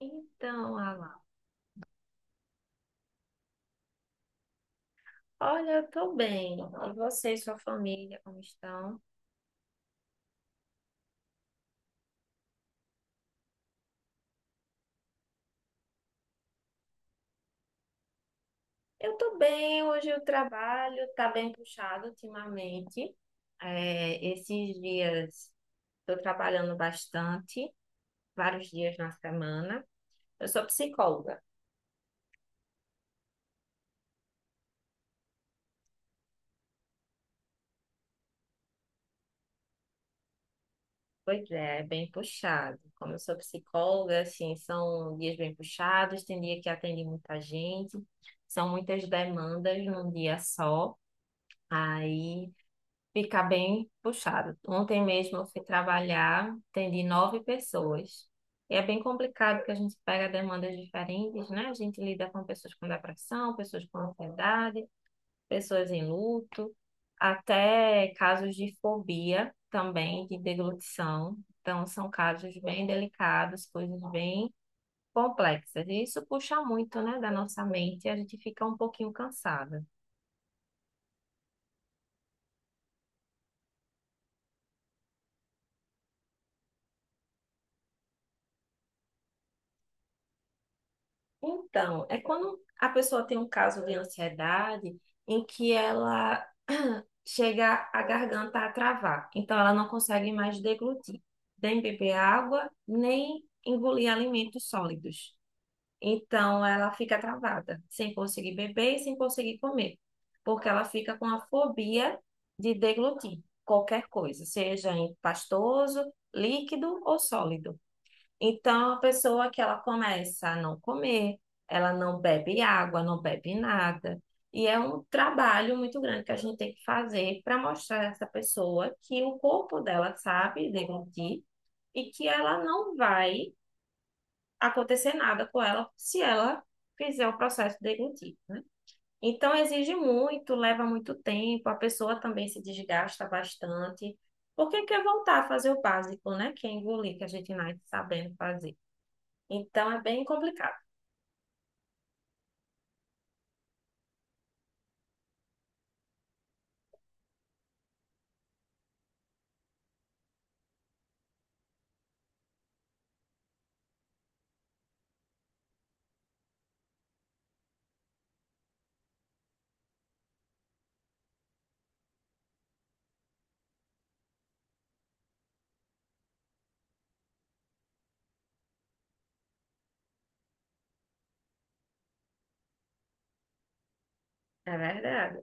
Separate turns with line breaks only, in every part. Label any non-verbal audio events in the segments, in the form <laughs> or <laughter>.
Então, Alan, olha, eu tô bem. E você e sua família, como estão? Eu tô bem, hoje o trabalho tá bem puxado ultimamente. É, esses dias tô trabalhando bastante, vários dias na semana. Eu sou psicóloga. Pois é, é bem puxado. Como eu sou psicóloga, assim, são dias bem puxados, tem dia que atende muita gente, são muitas demandas num dia só. Aí fica bem puxado. Ontem mesmo eu fui trabalhar, atendi 9 pessoas. E é bem complicado porque a gente pega demandas diferentes, né? A gente lida com pessoas com depressão, pessoas com ansiedade, pessoas em luto, até casos de fobia também, de deglutição. Então, são casos bem delicados, coisas bem complexas. E isso puxa muito, né, da nossa mente, e a gente fica um pouquinho cansada. Então, é quando a pessoa tem um caso de ansiedade em que ela <clears throat> chega a garganta a travar. Então, ela não consegue mais deglutir, nem beber água, nem engolir alimentos sólidos. Então, ela fica travada, sem conseguir beber e sem conseguir comer, porque ela fica com a fobia de deglutir qualquer coisa, seja em pastoso, líquido ou sólido. Então, a pessoa que ela começa a não comer, ela não bebe água, não bebe nada. E é um trabalho muito grande que a gente tem que fazer para mostrar a essa pessoa que o corpo dela sabe deglutir e que ela não vai acontecer nada com ela se ela fizer o processo de deglutir. Então, exige muito, leva muito tempo, a pessoa também se desgasta bastante, porque quer voltar a fazer o básico, né? Que é engolir, que a gente nasce sabendo fazer. Então é bem complicado, é verdade.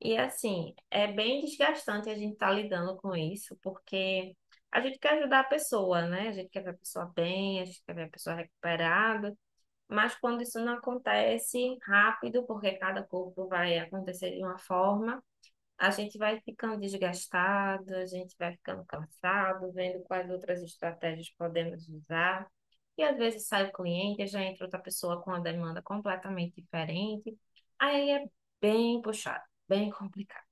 E assim, é bem desgastante a gente estar lidando com isso, porque a gente quer ajudar a pessoa, né? A gente quer ver a pessoa bem, a gente quer ver a pessoa recuperada, mas quando isso não acontece rápido, porque cada corpo vai acontecer de uma forma, a gente vai ficando desgastado, a gente vai ficando cansado, vendo quais outras estratégias podemos usar. E às vezes sai o cliente, já entra outra pessoa com uma demanda completamente diferente. Aí é bem puxado, bem complicado.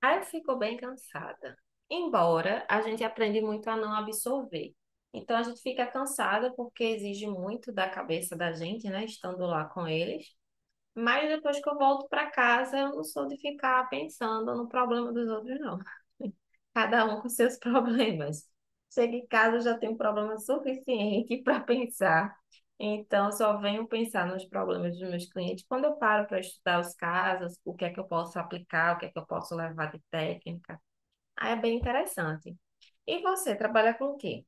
Aí eu fico bem cansada. Embora a gente aprende muito a não absorver. Então a gente fica cansada porque exige muito da cabeça da gente, né? Estando lá com eles. Mas depois que eu volto para casa, eu não sou de ficar pensando no problema dos outros, não. Cada um com seus <laughs> problemas. Chego em casa, eu já tenho um problema suficiente para pensar. Então, eu só venho pensar nos problemas dos meus clientes quando eu paro para estudar os casos, o que é que eu posso aplicar, o que é que eu posso levar de técnica. Aí é bem interessante. E você, trabalha com o quê?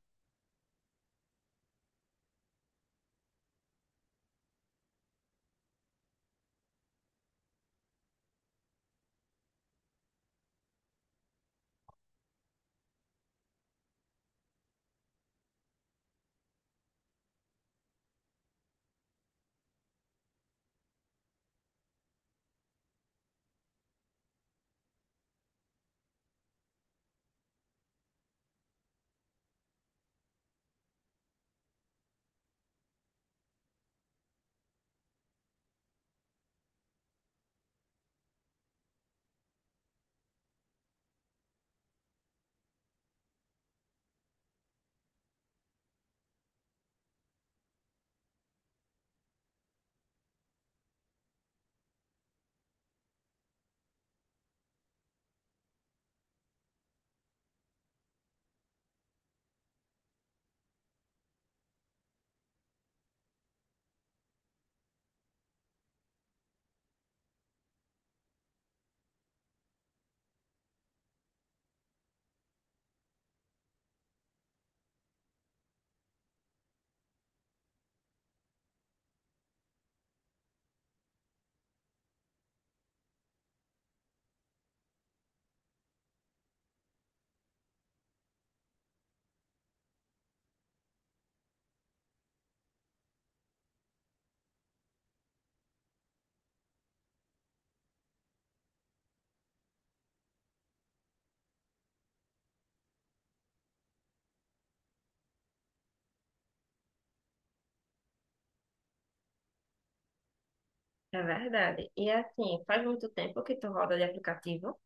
É verdade. E assim, faz muito tempo que tu roda de aplicativo?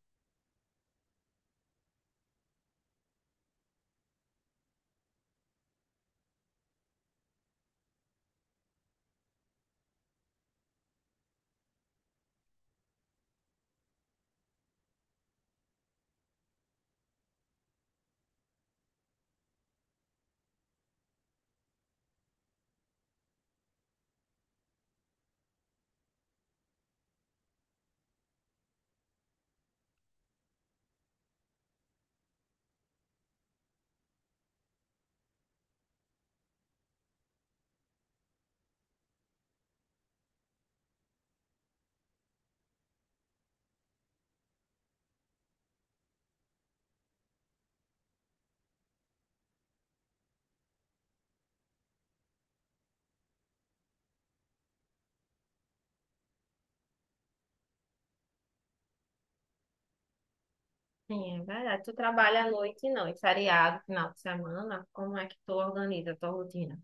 Sim, é verdade. Tu trabalha à noite, não, e feriado, final de semana, como é que tu organiza a tua rotina?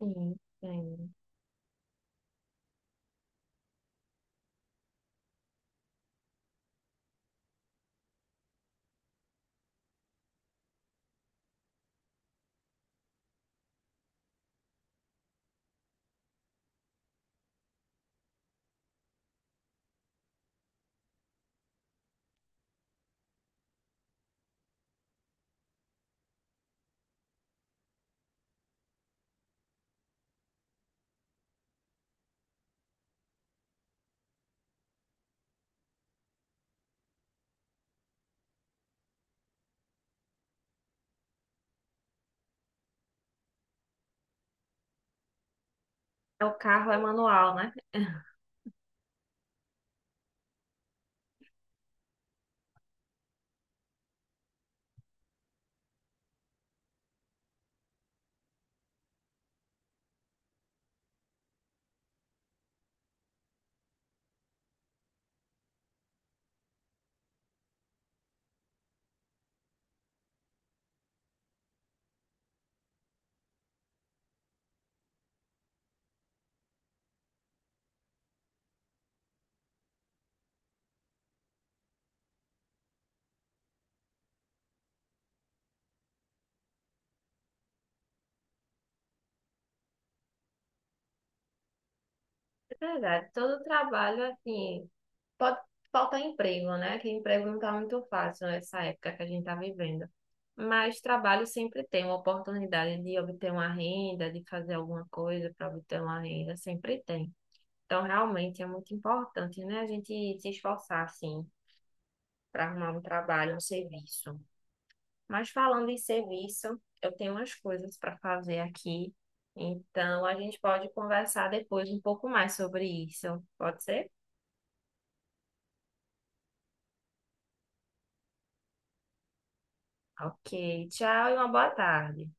Sim, sim. É. O carro é manual, né? <laughs> É verdade. Todo trabalho, assim, pode faltar emprego, né? Que emprego não está muito fácil nessa época que a gente está vivendo. Mas trabalho sempre tem uma oportunidade de obter uma renda, de fazer alguma coisa para obter uma renda, sempre tem. Então, realmente é muito importante, né? A gente se esforçar, assim, para arrumar um trabalho, um serviço. Mas falando em serviço, eu tenho umas coisas para fazer aqui. Então, a gente pode conversar depois um pouco mais sobre isso. Pode ser? Ok. Tchau e uma boa tarde.